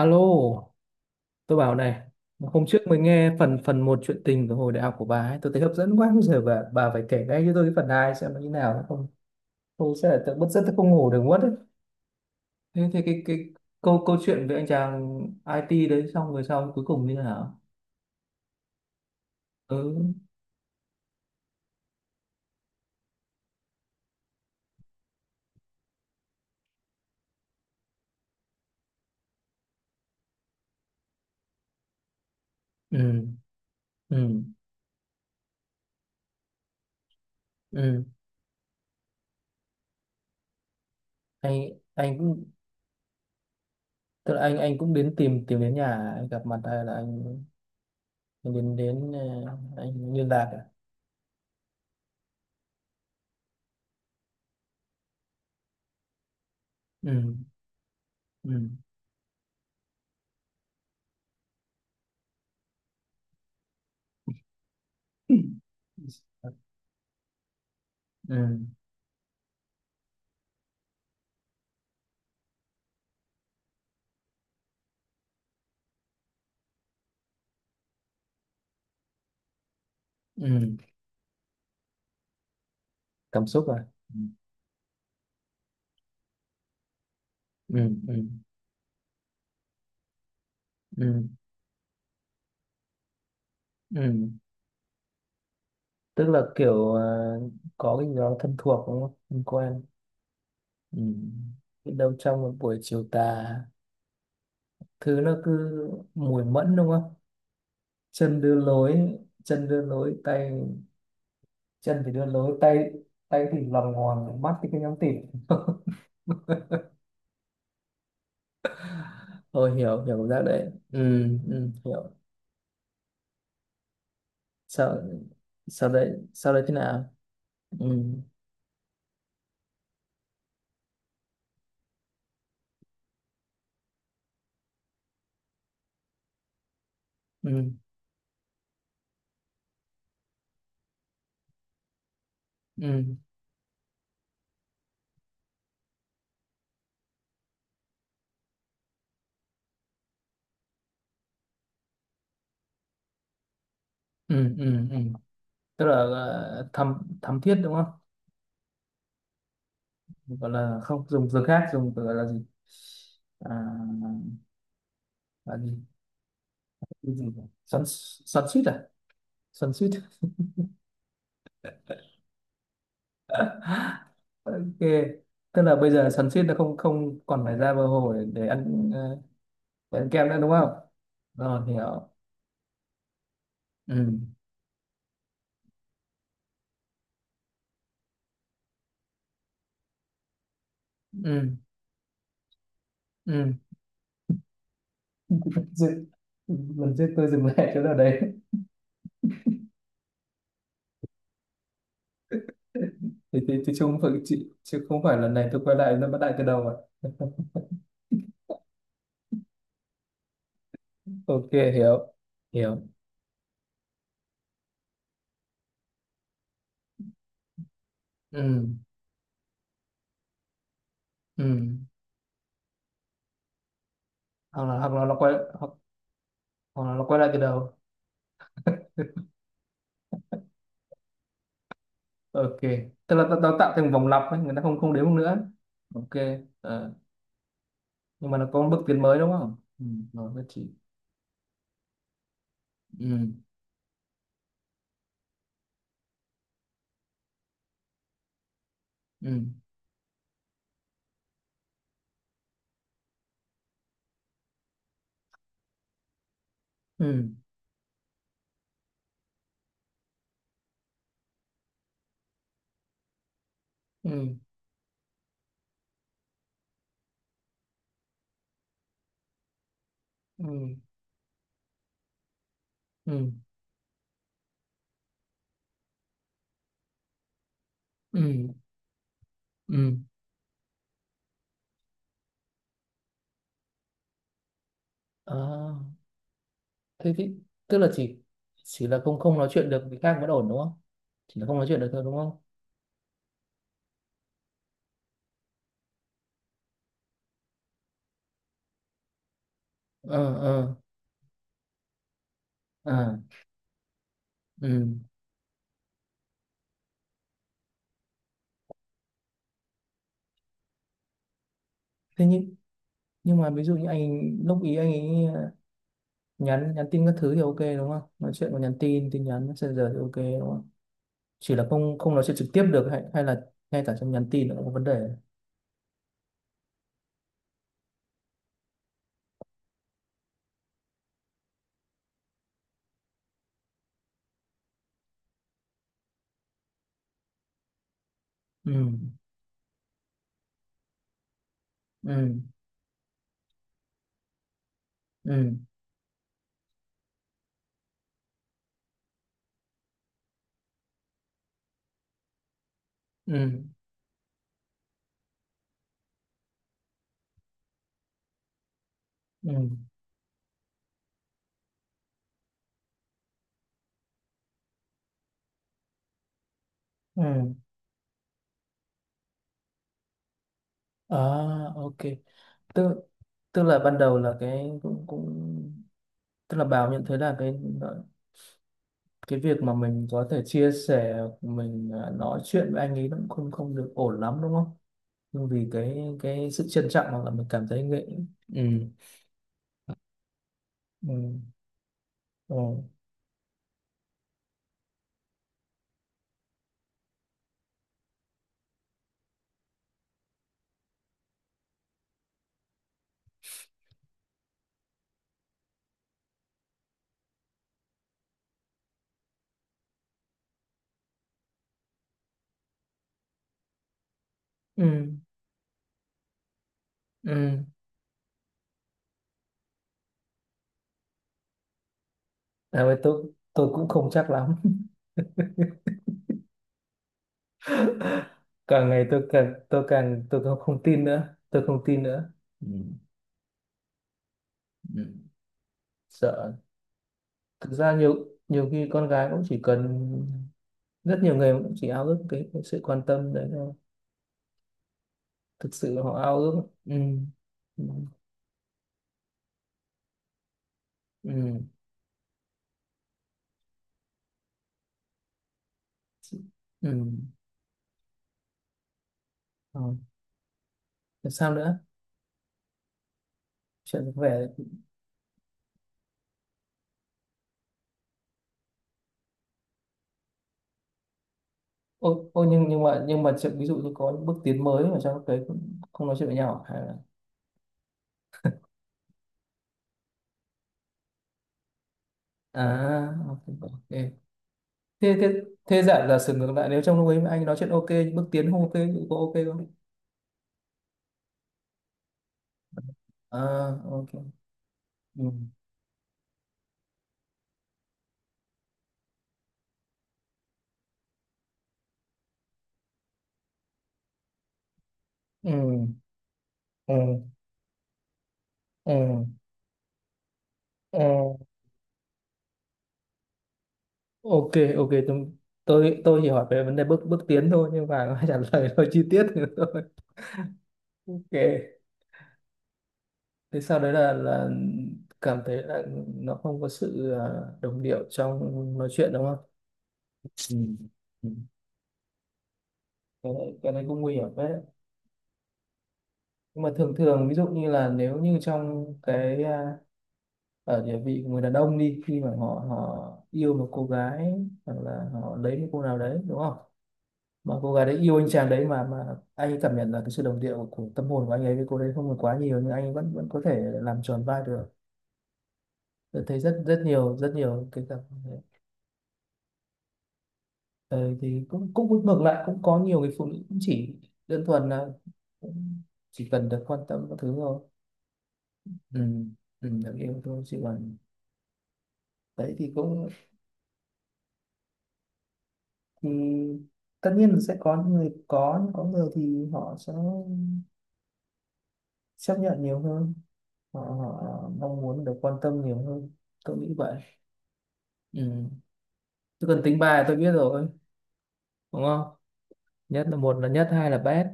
Alo, tôi bảo này, hôm trước mới nghe phần phần một chuyện tình của hồi đại học của bà ấy, tôi thấy hấp dẫn quá, bây giờ bà phải kể ngay cho tôi cái phần hai xem nó như nào, không tôi sẽ là tự bứt rứt tôi không ngủ được mất đấy. Thế thì cái câu câu chuyện về anh chàng IT đấy xong rồi sau cuối cùng như thế nào? Ừ, ừ, ừ, ừ. Anh anh cũng, tức là anh cũng đến tìm tìm đến nhà anh gặp mặt, hay là anh đến đến ờ, anh liên lạc à? Ừ, ừ, ừ, ừ. Cảm xúc à? Ừ, ừ, ừ, ừ. Tức là kiểu à, có cái gì đó thân thuộc đúng không, thân quen. Ừ. Biết đâu trong một buổi chiều tà thứ nó cứ mùi mẫn đúng không, chân đưa lối chân đưa lối tay chân thì đưa lối tay, tay thì lòng hoàng, mắt thì cứ nhắm tịt. Tôi hiểu hiểu ra đấy. Ừ, ừ, hiểu. Sau sau đấy Sau đấy thế nào? Ừ, ừ, ừ, ừ, ừ, ừ. Tức là thăm thiết đúng không? Gọi là không dùng từ khác, dùng từ gọi là gì, à, là gì? Cái gì nhỉ? Xoắn xoắn suýt à? Xoắn suýt. Ok, tức là bây giờ xoắn suýt nó không không còn phải ra bờ hồ để để ăn kem nữa đúng không? Rồi, hiểu. Ừ, ừ, ừ. Dừng. Lần trước tôi dừng lại chỗ nào đấy. Thì chứ không phải, chứ không phải lần này tôi quay lại nó bắt lại từ đầu rồi. Ok, hiểu hiểu. Ừ, ừ, hoặc là hoặc là nó quay hoặc, hoặc là nó quay lại từ đầu. Ok, tức là nó tạo thành vòng lặp ấy, người ta không không đếm nữa. Ok, ờ, nhưng mà nó có một bước tiến mới đúng không? Ừ, rồi, nhất trí. Ừ, ừ, ừ, ừ, ừ, ừ, ừ, ừ. À, thế thì, tức là chỉ là không không nói chuyện được với khác vẫn ổn đúng không, chỉ là không nói chuyện được thôi đúng không? Ờ, ờ, ờ, ừ. Thế nhưng mà ví dụ như anh lúc ý anh ấy nhắn nhắn tin các thứ thì ok đúng không, nói chuyện có nhắn tin tin nhắn messenger thì ok đúng không, chỉ là không không nói chuyện trực tiếp được, hay hay là ngay cả trong nhắn tin nó cũng có vấn đề. Ừ, ừ, ừ, ừ, ừ, ừ. À, ok, tức tức là ban đầu là cái cũng cũng tức là Bảo nhận thấy là cái việc mà mình có thể chia sẻ, nói chuyện với anh ấy nó cũng không không được ổn lắm đúng không, nhưng vì cái sự trân trọng, hoặc là mình cảm thấy nghệ. Ừ. Ừ. Ừ. Ừ. Ừ. À, với tôi cũng không chắc lắm. Càng ngày tôi càng tôi càng tôi không tin nữa, tôi không tin nữa. Ừ. Ừ. Sợ. Thực ra nhiều nhiều khi con gái cũng chỉ cần, rất nhiều người cũng chỉ ao ước cái sự quan tâm đấy thôi, thực sự họ ao ước. Ừ. Ừ. Ừ. Ừ. Ừ. Rồi. Thế sao nữa, chuyện về… Ô, nhưng mà chuyện ví dụ như có những bước tiến mới mà trong cái cũng không nói chuyện với nhau à, hay là? À, ok, ok. Thế thế thế, giả giả sử ngược lại nếu trong lúc ấy mà anh nói chuyện ok, bước tiến không ok thì có ok không? À, ok. Ừ, ừ, ừ, ừ, ừ. Ok, ok, tôi chỉ hỏi về vấn đề bước bước tiến thôi, nhưng mà trả lời nó chi tiết nữa thôi. Ok, thế sau đấy là cảm thấy là nó không có sự đồng điệu trong nói chuyện đúng không? Ừ. Ừ. Cái này cũng nguy hiểm đấy. Nhưng mà thường thường ví dụ như là nếu như trong cái ở địa vị của người đàn ông đi, khi mà họ họ yêu một cô gái hoặc là họ lấy một cô nào đấy đúng không, mà cô gái đấy yêu anh chàng đấy, mà anh ấy cảm nhận là cái sự đồng điệu của tâm hồn của anh ấy với cô đấy không còn quá nhiều, nhưng anh ấy vẫn vẫn có thể làm tròn vai được. Tôi thấy rất rất nhiều cái cặp. Ờ, thì cũng cũng ngược lại, cũng có nhiều người phụ nữ cũng chỉ đơn thuần là cũng chỉ cần được quan tâm các thứ thôi. Ừ, ừ, được yêu thôi, chứ còn đấy thì cũng, thì tất nhiên là sẽ có người có, nhưng có người thì họ sẽ chấp nhận nhiều hơn, họ mong muốn được quan tâm nhiều hơn. Tôi nghĩ vậy. Ừ. Chứ còn tính bài tôi biết rồi đúng không, nhất là một là nhất, hai là bét.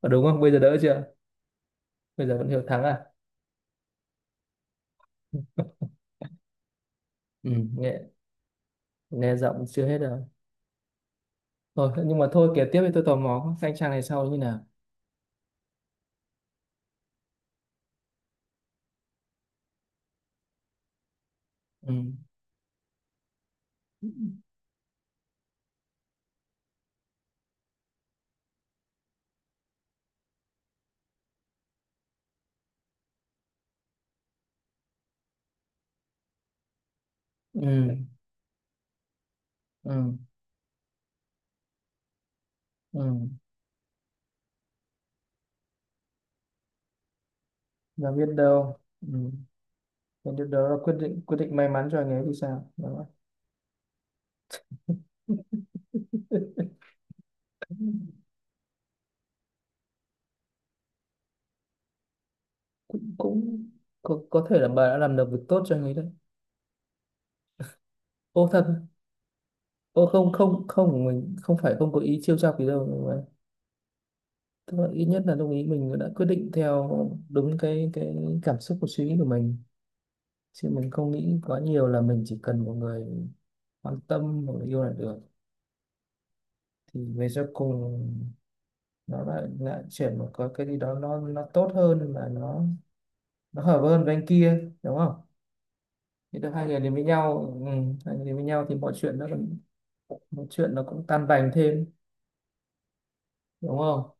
Ờ, đúng không, bây giờ đỡ chưa, bây giờ vẫn hiểu thắng à? Ừ. nghe nghe giọng chưa hết rồi. Thôi nhưng mà thôi, kể tiếp, thì tôi tò mò các anh chàng này sau như nào. Ừ. Ừ, ừ, ừ, là biết đâu. Ừ. Biết đâu đó là quyết định may mắn cho anh ấy thì sao đó. Cũng cũng có thể là bà đã làm được việc tốt cho anh ấy đấy. Ô thật. Ô, không, không, không, của mình không phải, không có ý trêu chọc gì đâu, nhưng mà tức là ít nhất là đồng ý mình đã quyết định theo đúng cái cảm xúc của suy nghĩ của mình, chứ mình không nghĩ quá nhiều là mình chỉ cần một người quan tâm, một người yêu là được, thì về sau cùng nó lại lại chuyển một cái gì đó, nó tốt hơn mà nó hợp hơn với anh kia đúng không? Thì được hai người đến với nhau. Ừ, hai người đến với nhau thì mọi chuyện nó cũng tan tành thêm đúng không?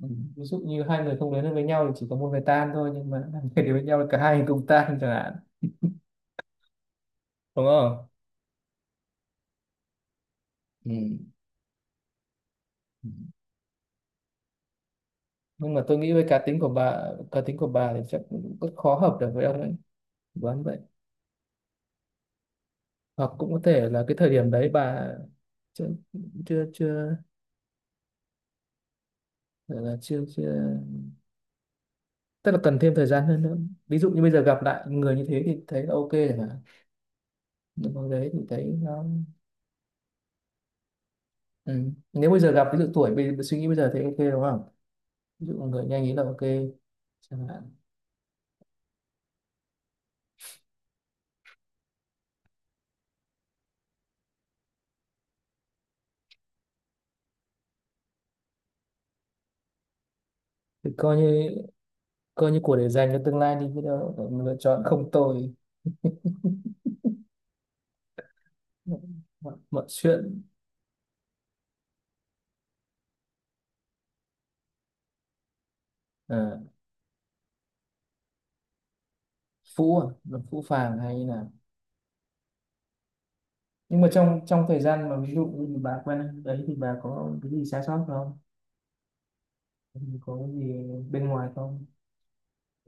Ừ. Ví dụ như hai người không đến được với nhau thì chỉ có một người tan thôi, nhưng mà hai người đến với nhau thì cả hai người cùng tan chẳng hạn đúng không? Ừ. Ừ. Nhưng mà tôi nghĩ với cá tính của bà thì chắc cũng rất khó hợp được với ông ấy. Đoán vậy. Hoặc cũng có thể là cái thời điểm đấy bà chưa chưa chưa gọi là chưa chưa tức là cần thêm thời gian hơn nữa. Ví dụ như bây giờ gặp lại người như thế thì thấy là ok rồi, mà hồi đấy thì thấy nó… Ừ. Nếu bây giờ gặp ví dụ tuổi bây suy nghĩ bây giờ thì ok đúng không, ví dụ người nhanh ý là ok chẳng hạn. Thì coi như của để dành cho tương lai đi, biết đâu mình lựa chọn không tồi. Mọi chuyện ờ, phũ à, nó phũ phàng hay là… Nhưng mà trong trong thời gian mà ví dụ như bà quen anh đấy thì bà có cái gì sai sót không, có cái gì bên ngoài không?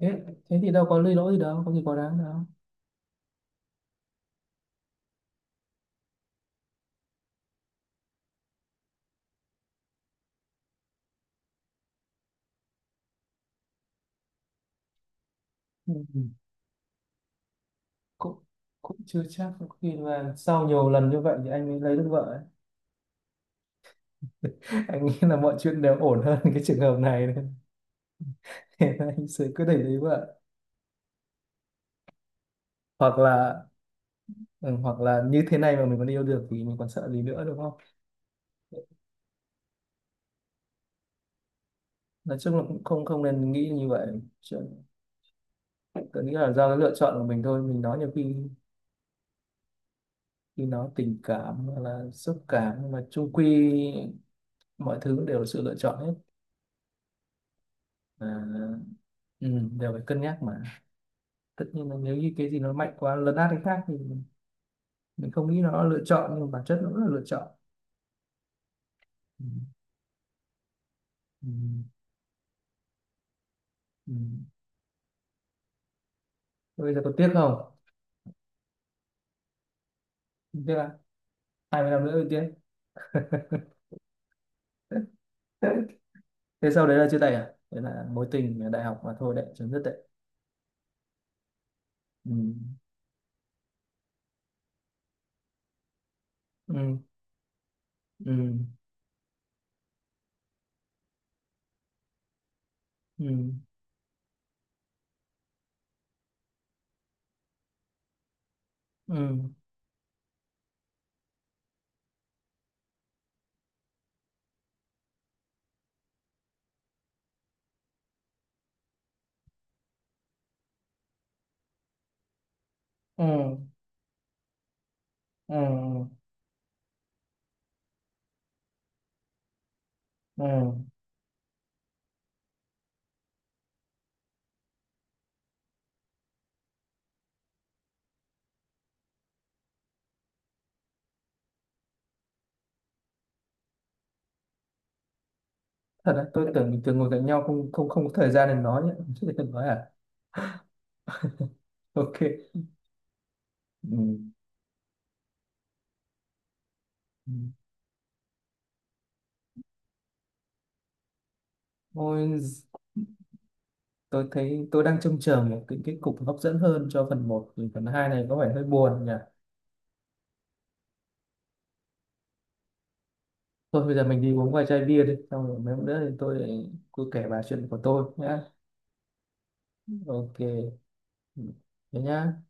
Thế, thế thì đâu có lỗi gì, đâu có gì quá đáng đâu. Ừ. cũng cũng chưa chắc, có khi là sau nhiều lần như vậy thì anh mới lấy được vợ ấy. Anh nghĩ là mọi chuyện đều ổn hơn cái trường hợp này, nên nên anh sẽ quyết định lấy vợ. Hoặc là, ừ, hoặc là như thế này mà mình còn yêu được thì mình còn sợ gì nữa đúng không. Nói chung là cũng không không nên nghĩ như vậy. Chuyện, tôi nghĩ là do cái lựa chọn của mình thôi, mình nói nhiều khi khi nói tình cảm hoặc là xúc cảm, nhưng mà chung quy mọi thứ đều là sự lựa chọn hết. À, ừ, đều phải cân nhắc mà. Tất nhiên là nếu như cái gì nó mạnh quá lấn át cái khác thì mình không nghĩ nó lựa chọn, nhưng bản chất nó cũng là lựa chọn. Ừ. Ừ. Ừ. Bây giờ có tiếc không? Không tiếc à? 20 năm nữa mới tiếc. Thế sau đấy là chia tay à, đấy là mối tình ở đại học mà thôi đấy, chấm dứt đấy. Ừ. Ừ. Ừ. Ừ. Ừ. Ừ. Ừ. Ừ. Thật đấy, tôi tưởng mình thường ngồi cạnh nhau không không không có thời gian để nói nhé, chứ đừng nói à. Ok. Ừ. Ừ. Ôi, tôi thấy tôi đang trông chờ một cái kết cục hấp dẫn hơn cho phần một, thì phần 2 này có vẻ hơi buồn nhỉ. Thôi bây giờ mình đi uống vài chai bia đi, xong rồi mấy hôm nữa thì tôi lại cứ kể bà chuyện của tôi nhá. Ok. Ừ, thế nhá.